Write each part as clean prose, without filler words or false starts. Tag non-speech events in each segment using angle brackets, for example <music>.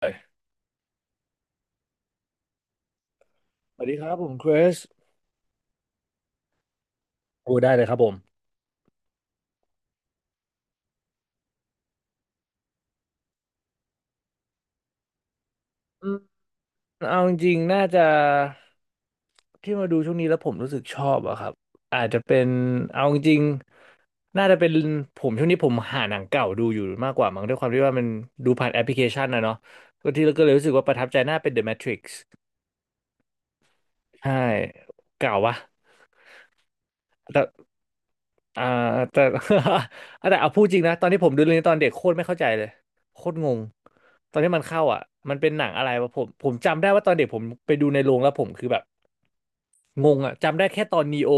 เลยสวัสดีครับผมคริสโอ้ได้เลยครับผมอืมเอาจริงๆน่าจะที่มาดูช่วงนี้แล้วผมรู้สึกชอบอะครับอาจจะเป็นเอาจริงๆน่าจะเป็นผมช่วงนี้ผมหาหนังเก่าดูอยู่มากกว่ามั้งด้วยความที่ว่ามันดูผ่านแอปพลิเคชันนะเนาะก็ที่เราก็เลยรู้สึกว่าประทับใจน่าเป็น The Matrix ใช่เก่าวะ อ่าแต่ <laughs> แต่เอาพูดจริงนะตอนที่ผมดูเรื่องนี้ตอนเด็กโคตรไม่เข้าใจเลยโคตรงงตอนที่มันเข้าอ่ะมันเป็นหนังอะไรวะผมจำได้ว่าตอนเด็กผมไปดูในโรงแล้วผมคือแบบงงอ่ะจำได้แค่ตอนนีโอ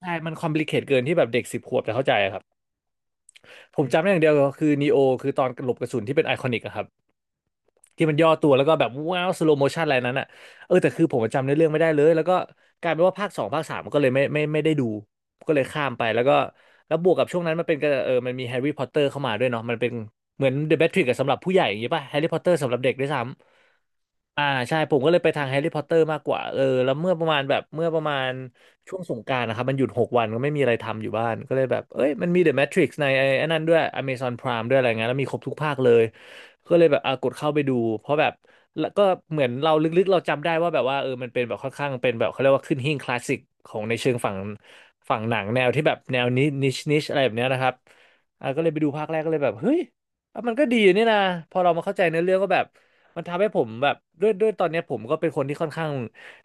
ใช่มันคอมพลีเคทเกินที่แบบเด็กสิบขวบจะเข้าใจอะครับผมจำได้อย่างเดียวคือนีโอคือตอนหลบกระสุนที่เป็นไอคอนิกอะครับ ที่มันย่อตัวแล้วก็แบบว้าวสโลโมชันอะไรนั้นอ่ะเออแต่คือผมจำเนื้อเรื่องไม่ได้เลยแล้วก็กลายเป็นว่าภาคสองภาคสามก็เลยไม่ได้ดูก็เลยข้ามไปแล้วก็แล้วบวกกับช่วงนั้นมันเป็นก็เออมันมีแฮร์รี่พอตเตอร์เข้ามาด้วยเนาะมันเป็นเหมือนเดอะแมทริกซ์สำหรับผู้ใหญ่อย่างงี้ป่ะแฮร์รี่พอตเตอร์สำหรับเด็กด้วยซ้ำอ่าใช่ผมก็เลยไปทางแฮร์รี่พอตเตอร์มากกว่าเออแล้วเมื่อประมาณช่วงสงกรานต์นะครับมันหยุดหกวันก็ไม่มีอะไรทำอยู่บ้านก็เลยแบบเอ้ยมันมีเดอะแมทริกในไอ้อันนั้นด้วย Amazon Prime ด้วยอะไรเงี้ยแล้วมีครบทุกภาคเลย ก็เลยแบบอ่ะกดเข้าไปดูเพราะแบบแล้วก็เหมือนเราลึกๆเราจำได้ว่าแบบว่าเออมันเป็นแบบค่อนข้างเป็นแบบเขาเรียกว่าขึ้นหิ้งคลาสสิกของในเชิงฝั่งหนังแนวที่แบบแนวนิชอะไรแบบเนี้ยนะครับอ่ะก็เลยไปดูภาคแรกก็เลยแบบเฮ้ยอ่ะมันก็ดีนี่นะพอเรามาเข้าใจเนื้อเรื่องก็แบบมันทำให้ผมแบบด้วยตอนเนี้ยผมก็เป็นคนที่ค่อนข้าง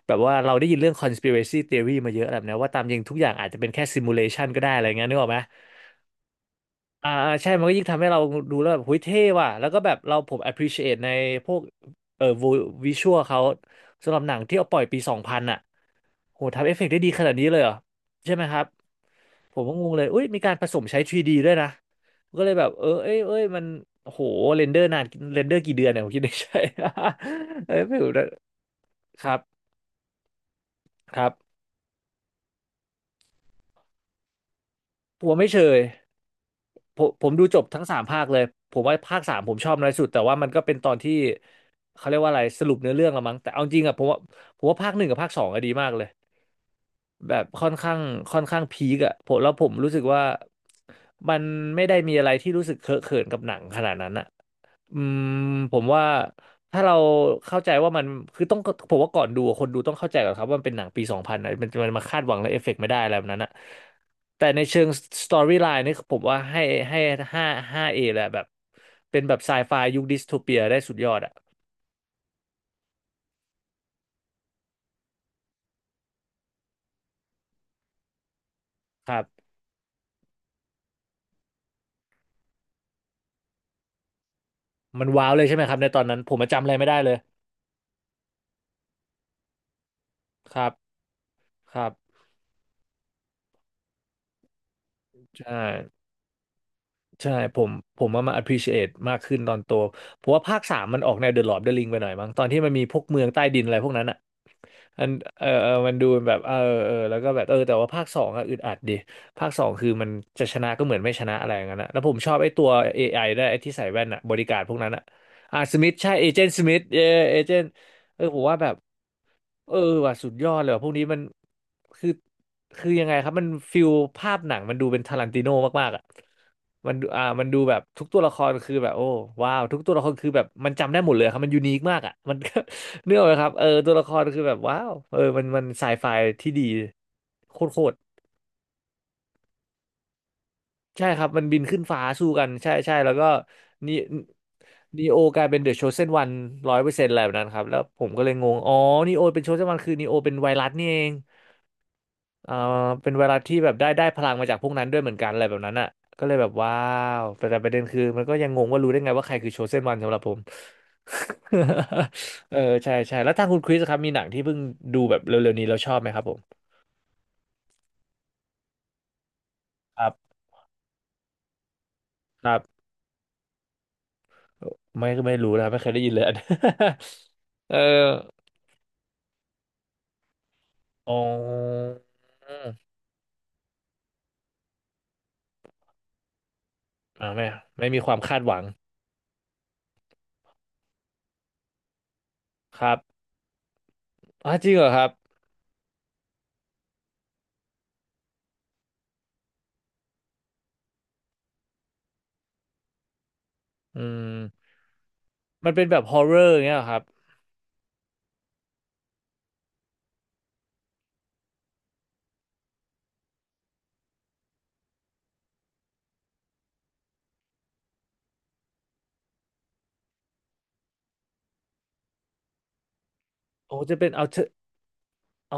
แบบว่าเราได้ยินเรื่อง conspiracy theory มาเยอะแบบเนี้ยว่าตามจริงทุกอย่างอาจจะเป็นแค่ simulation ก็ได้อะไรเงี้ยนึกออกไหม อ่าใช่มันก็ยิ่งทำให้เราดูแล้วแบบหุ้ยเท่ว่ะแล้วก็แบบเราผม appreciate ในพวกเอ่อวิชวลเขาสำหรับหนังที่เอาปล่อยปีสองพันอ่ะโหทำเอฟเฟกต์ได้ดีขนาดนี้เลยเหรอใช่ไหมครับผมก็งงเลยอุ้ยมีการผสมใช้ 3D ดด้วยนะก็เลยแบบเออเอ้ยมันโหเรนเดอร์นานเรนเดอร์กี่เดือนเนี่ยผมคิดในใจ <laughs> เอ้ยไม่รู้นะครับครับผมว่าไม่เชย ผมดูจบทั้งสามภาคเลยผมว่าภาคสามผมชอบน้อยสุดแต่ว่ามันก็เป็นตอนที่เขาเรียกว่าอะไรสรุปเนื้อเรื่องละมั้งแต่เอาจริงอะผมว่าผมว่าภาคหนึ่งกับภาคสองอะดีมากเลยแบบค่อนข้างพีคอะผมแล้วผมรู้สึกว่ามันไม่ได้มีอะไรที่รู้สึกเคอะเขินกับหนังขนาดนั้นอะ อืมผมว่าถ้าเราเข้าใจว่ามันคือต้องผมว่าก่อนดูอะคนดูต้องเข้าใจก่อนครับว่ามันเป็นหนังปีสองพันนะมันมันมาคาดหวังและเอฟเฟกต์ไม่ได้อะไรแบบนั้นอะแต่ในเชิงสตอรี่ไลน์นี่ผมว่าให้ห้าห้าเอแหละแบบเป็นแบบไซไฟยุคดิสโทเปียได้สุดยอดอะครับมันว้าวเลยใช่ไหมครับในตอนนั้นผมมาจำอะไรไม่ได้เลยครับครับใช่ใช่ผมว่ามา appreciate มากขึ้นตอนโตผมว่าภาคสามมันออกแนว The Lord of the Ring ไปหน่อยมั้งตอนที่มันมีพวกเมืองใต้ดินอะไรพวกนั้นอะ มันเออเออมันดูแบบเออเออแล้วก็แบบเออแต่ว่าภาคสองอะอึดอัดดิภาคสองคือมันจะชนะก็เหมือนไม่ชนะอะไรอย่างนั้นนะแล้วผมชอบไอ้ตัว AI ไอได้วยไอ้ที่ใส่แว่นอะบริการพวกนั้นอะอ่ะสมิธใช่เอเจนต์สมิธเอเอเจนต์เออผมว่าแบบ เออว่ะสุดยอดเลยว่ะพวกนี้มันคือคือยังไงครับมันฟิลภาพหนังมันดูเป็นทารันติโนมากๆอ่ะมันดูมันดูแบบทุกตัวละครคือแบบโอ้ว้าวทุกตัวละครคือแบบมันจำได้หมดเลยครับมันยูนิคมากอ่ะมัน <laughs> เนื้ออกไหมครับเออตัวละครคือแบบว้าวเออมันมันไซไฟที่ดีโคตรๆใช่ครับมันบินขึ้นฟ้าสู้กันใช่ใช่แล้วก็นี่นีโอกลายเป็นเดอะโชเซนวัน100%อะไรแบบนั้นครับแล้วผมก็เลยงงอ๋อนีโอเป็นโชเซนวันคือนีโอเป็นไวรัสนี่เอง เอ่อเป็นเวลาที่แบบได้พลังมาจากพวกนั้นด้วยเหมือนกันอะไรแบบนั้นอ่ะก็เลยแบบว้าวแต่ประเด็นคือมันก็ยังงงว่ารู้ได้ไงว่าใครคือโชเซนวันสำหรับผม <laughs> เออใช่ใช่แล้วทางคุณคริสครับมีหนังที่เพิ่งดูแบบเร็วๆนี้แล้วชอบไหมครับผมครับครับไม่รู้นะครับไม่เคยได้ยินเลยอัน <laughs> เอออ๋ออ่าไม่ไม่มีความคาดหวังครับอ่าจริงเหรอครับอืมมันเป็นแบบฮอ r ์เรอร์เงี้ยเหรอครับโอ้จะเป็นเอา อ๋อ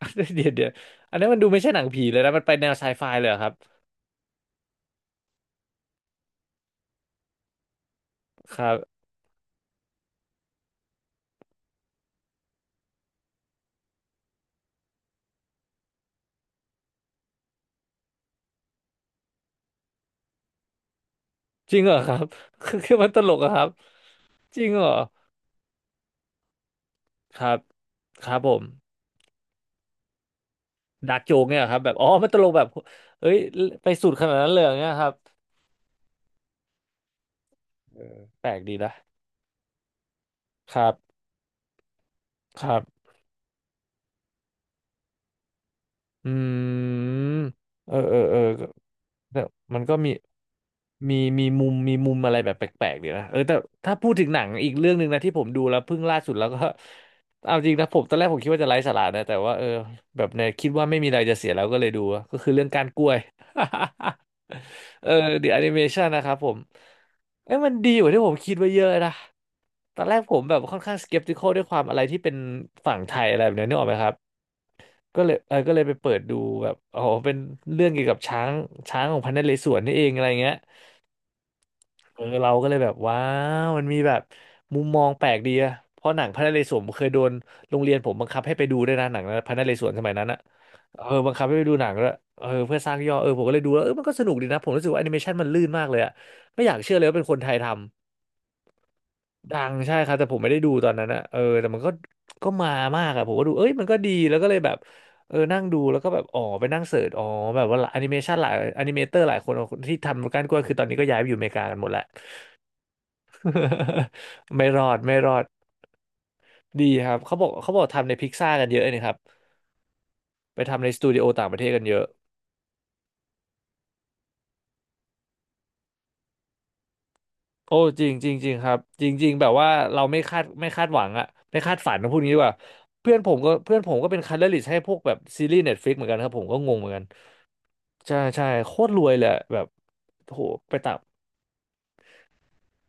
<laughs> เดี๋ยวเดี๋ยวอันนั้นมันดูไม่ใช่หนังผีเลยนะมันไปแนวไซไฟเลยเหรอครับครับจริงเหรอครับ <laughs> คือคือมันตลกเหรอะครับจริงเหรอครับครับผมดาร์กโจกเนี่ยเหรอครับแบบอ๋อมันตลกแบบเอ้ยไปสุดขนาดนั้นเลยอย่างเงี้ยครับเออแปลกดีนะครับครับ อืมเออเออเออก็แต่มันก็มีมีมีมุมมีมุมอะไรแบบแปลกๆดีนะเออแต่ถ้าพูดถึงหนังอีกเรื่องหนึ่งนะที่ผมดูแล้วเพิ่งล่าสุดแล้วก็ <laughs> เอาจริงนะผมตอนแรกผมคิดว่าจะไร้สาระนะแต่ว่าเออแบบเนี่ยคิดว่าไม่มีอะไรจะเสียแล้วก็เลยดูก็คือเรื่องการกล้วย <laughs> เออ The Animation นะครับผมเอ้ยมันดีกว่าที่ผมคิดไว้เยอะนะตอนแรกผมแบบค่อนข้างสเก p t ิค a ลด้วยความอะไรที่เป็นฝั่งไทยอะไรแบบเนี้ยนึกออกไหมครับ ก็เลยเออก็เลยไปเปิดดูแบบอ๋อเป็นเรื่องเกี่ยวกับช้างของพระนเรศวรนี่เองอะไรเงี้ยเออเราก็เลยแบบว้าวมันมีแบบมุมมองแปลกดีอะเพราะหนังพระนเรศวรผมเคยโดนโรงเรียนผมบังคับให้ไปดูด้วยนะหนังพระนเรศวรสมัยนั้นอะเออบังคับให้ไปดูหนังด้วยเออเพื่อสร้างยอดเออผมก็เลยดูแล้วเออมันก็สนุกดีนะผมรู้สึกว่าแอนิเมชันมันลื่นมากเลยอะไม่อยากเชื่อเลยว่าเป็นคนไทยทำ ดังใช่ครับแต่ผมไม่ได้ดูตอนนั้นอะเออแต่มันก็ก็มามากอะผมก็ดูเอ้ยมันก็ดีแล้วก็เลยแบบเออนั่งดูแล้วก็แบบอ๋อไปนั่งเสิร์ชอ๋อแบบว่าแอนิเมชันหลายแอนิเมเตอร์หลายคนที่ทำการกล้วยคือตอนนี้ก็ย้ายไปอยู่อเมริกากันหมดแล้ว <laughs> ไม่รอดไม่รอดดีครับเขาบอกทำในพิกซ่ากันเยอะเลยนะครับไปทำในสตูดิโอต่างประเทศกันเยอะโอ้จริงจริงจริงครับจริงๆแบบว่าเราไม่คาดหวังอะไม่คาดฝันนะพูดงี้ดีกว่าเพื่อนผมก็เป็นคัลเลอร์ลิสต์ให้พวกแบบซีรีส์เน็ตฟลิกเหมือนกันครับผมก็งงเหมือนกัน ใช่ใช่โคตรรวยเลยอะแบบโอ้โหไปต่าง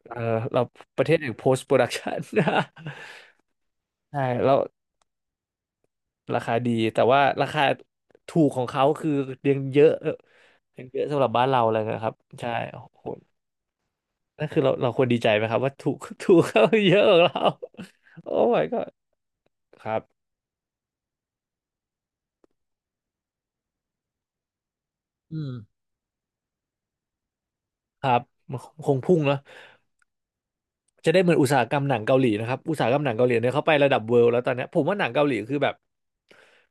เออเราประเทศอย่ง post production <laughs> ใช่แล้วราคาดีแต่ว่าราคาถูกของเขาคือยังเยอะเออยังเยอะสำหรับบ้านเราเลยนะครับใช่โอ้โหนั่นคือเราเราควรดีใจไหมครับว่าถูก <laughs> ถูกเขาเยอะกว่าเราโอ้ my god ครับอืมครับมันคงพุ่งเนอะ จะได้เหมือนอุตสาหกรรมหนังเกาหลีนะครับอุตสาหกรรมหนังเกาหลีเนี่ยเขาไประดับเวิลด์แล้วตอนเนี้ยผมว่าหนังเกาหลีคือแบบ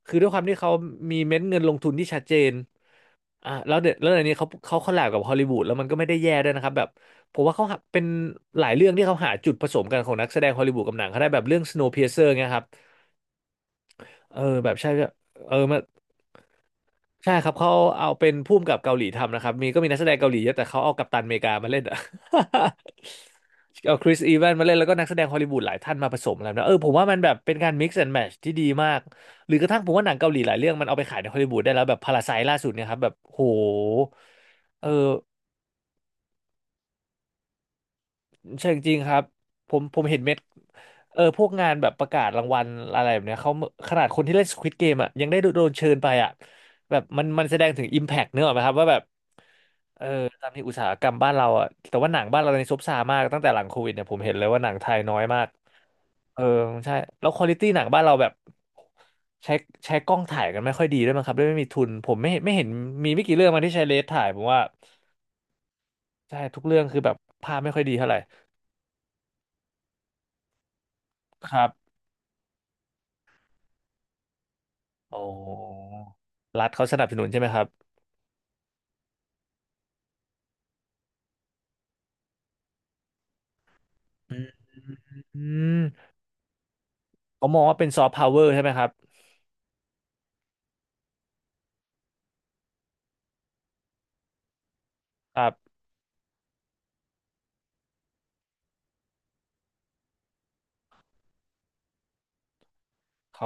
คือด้วยความที่เขามีเม็ดเงินลงทุนที่ชัดเจนอ่ะแล้วเดี๋ยวแล้วในนี้เขาเขาคอลแลบกับฮอลลีวูดแล้วมันก็ไม่ได้แย่ด้วยนะครับแบบผมว่าเขาหาเป็นหลายเรื่องที่เขาหาจุดผสมกันของนักแสดงฮอลลีวูดกับหนังเขาได้แบบเรื่อง Snowpiercer เงี้ยครับเออแบบใช่ใช่เออมัน ใช่ครับเขาเอาเป็นผู้มกับเกาหลีทำนะครับมีก็มีนักแสดงเกาหลีเยอะแต่เขาเอากัปตันอเมริกามาเล่นอะ <laughs> เอาคริสอีแวนมาเล่นแล้วก็นักแสดงฮอลลีวูดหลายท่านมาผสมอะไรแบบนะเออผมว่ามันแบบเป็นการ mix and match ที่ดีมากหรือกระทั่งผมว่าหนังเกาหลีหลายเรื่องมันเอาไปขายในฮอลลีวูดได้แล้วแบบพาราไซล่าสุดเนี่ยครับแบบโหเออ ใช่จริงครับผมเห็นเม็ดเออพวกงานแบบประกาศรางวัลอะไรแบบเนี้ยเขาขนาดคนที่เล่น Squid Game อ่ะยังได้โดนเชิญไปอ่ะแบบมันแสดงถึง Impact เนกอะไหมครับว่าแบบเออตามที่อุตสาหกรรมบ้านเราอ่ะแต่ว่าหนังบ้านเราในซบเซามากตั้งแต่หลังโควิดเนี่ยผมเห็นเลยว่าหนังไทยน้อยมากเออใช่แล้วควอลิตี้หนังบ้านเราแบบใช้ใช้กล้องถ่ายกันไม่ค่อยดีด้วยมั้งครับด้วยไม่มีทุนผมไม่เห็นมีไม่กี่เรื่องมาที่ใช้เลนส์ถ่ายผมว่าใช่ทุกเรื่องคือแบบภาพไม่ค่อยดีเท่าไหร่ครับ อ๋อรัฐเขาสนับสนุนใช่ไหมครับอืมอืมเขามองว่าเป็นซอฟต์พาวเวอร์ใช่ไหมครับครับเขา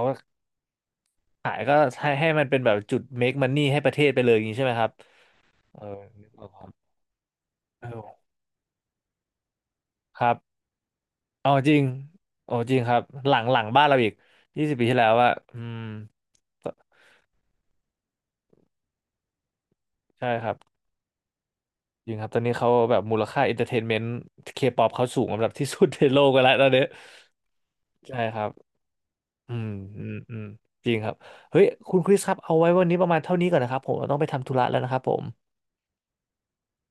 ขายก็ให้ให้มันเป็นแบบจุด make money ให้ประเทศไปเลยอย่างนี้ใช่ไหมครับเออนึกออกครับเออครับเอาจริง๋อจริงครับหลังบ้านเราอีก20 ปีที่แล้วอะอืมก็ใช่ครับ จริงครับตอนนี้เขาแบบมูลค่าเอนเตอร์เทนเมนต์เคป๊อปเขาสูงอันดับที่สุดในโลกกันแล้วตอนนี้ใช่ครับ อืมอืมอืมจริงครับเฮ้ยคุณคริสครับเอาไว้วันนี้ประมาณเท่านี้ก่อนนะครับผมเราต้องไปทำธุระแล้วนะครับผม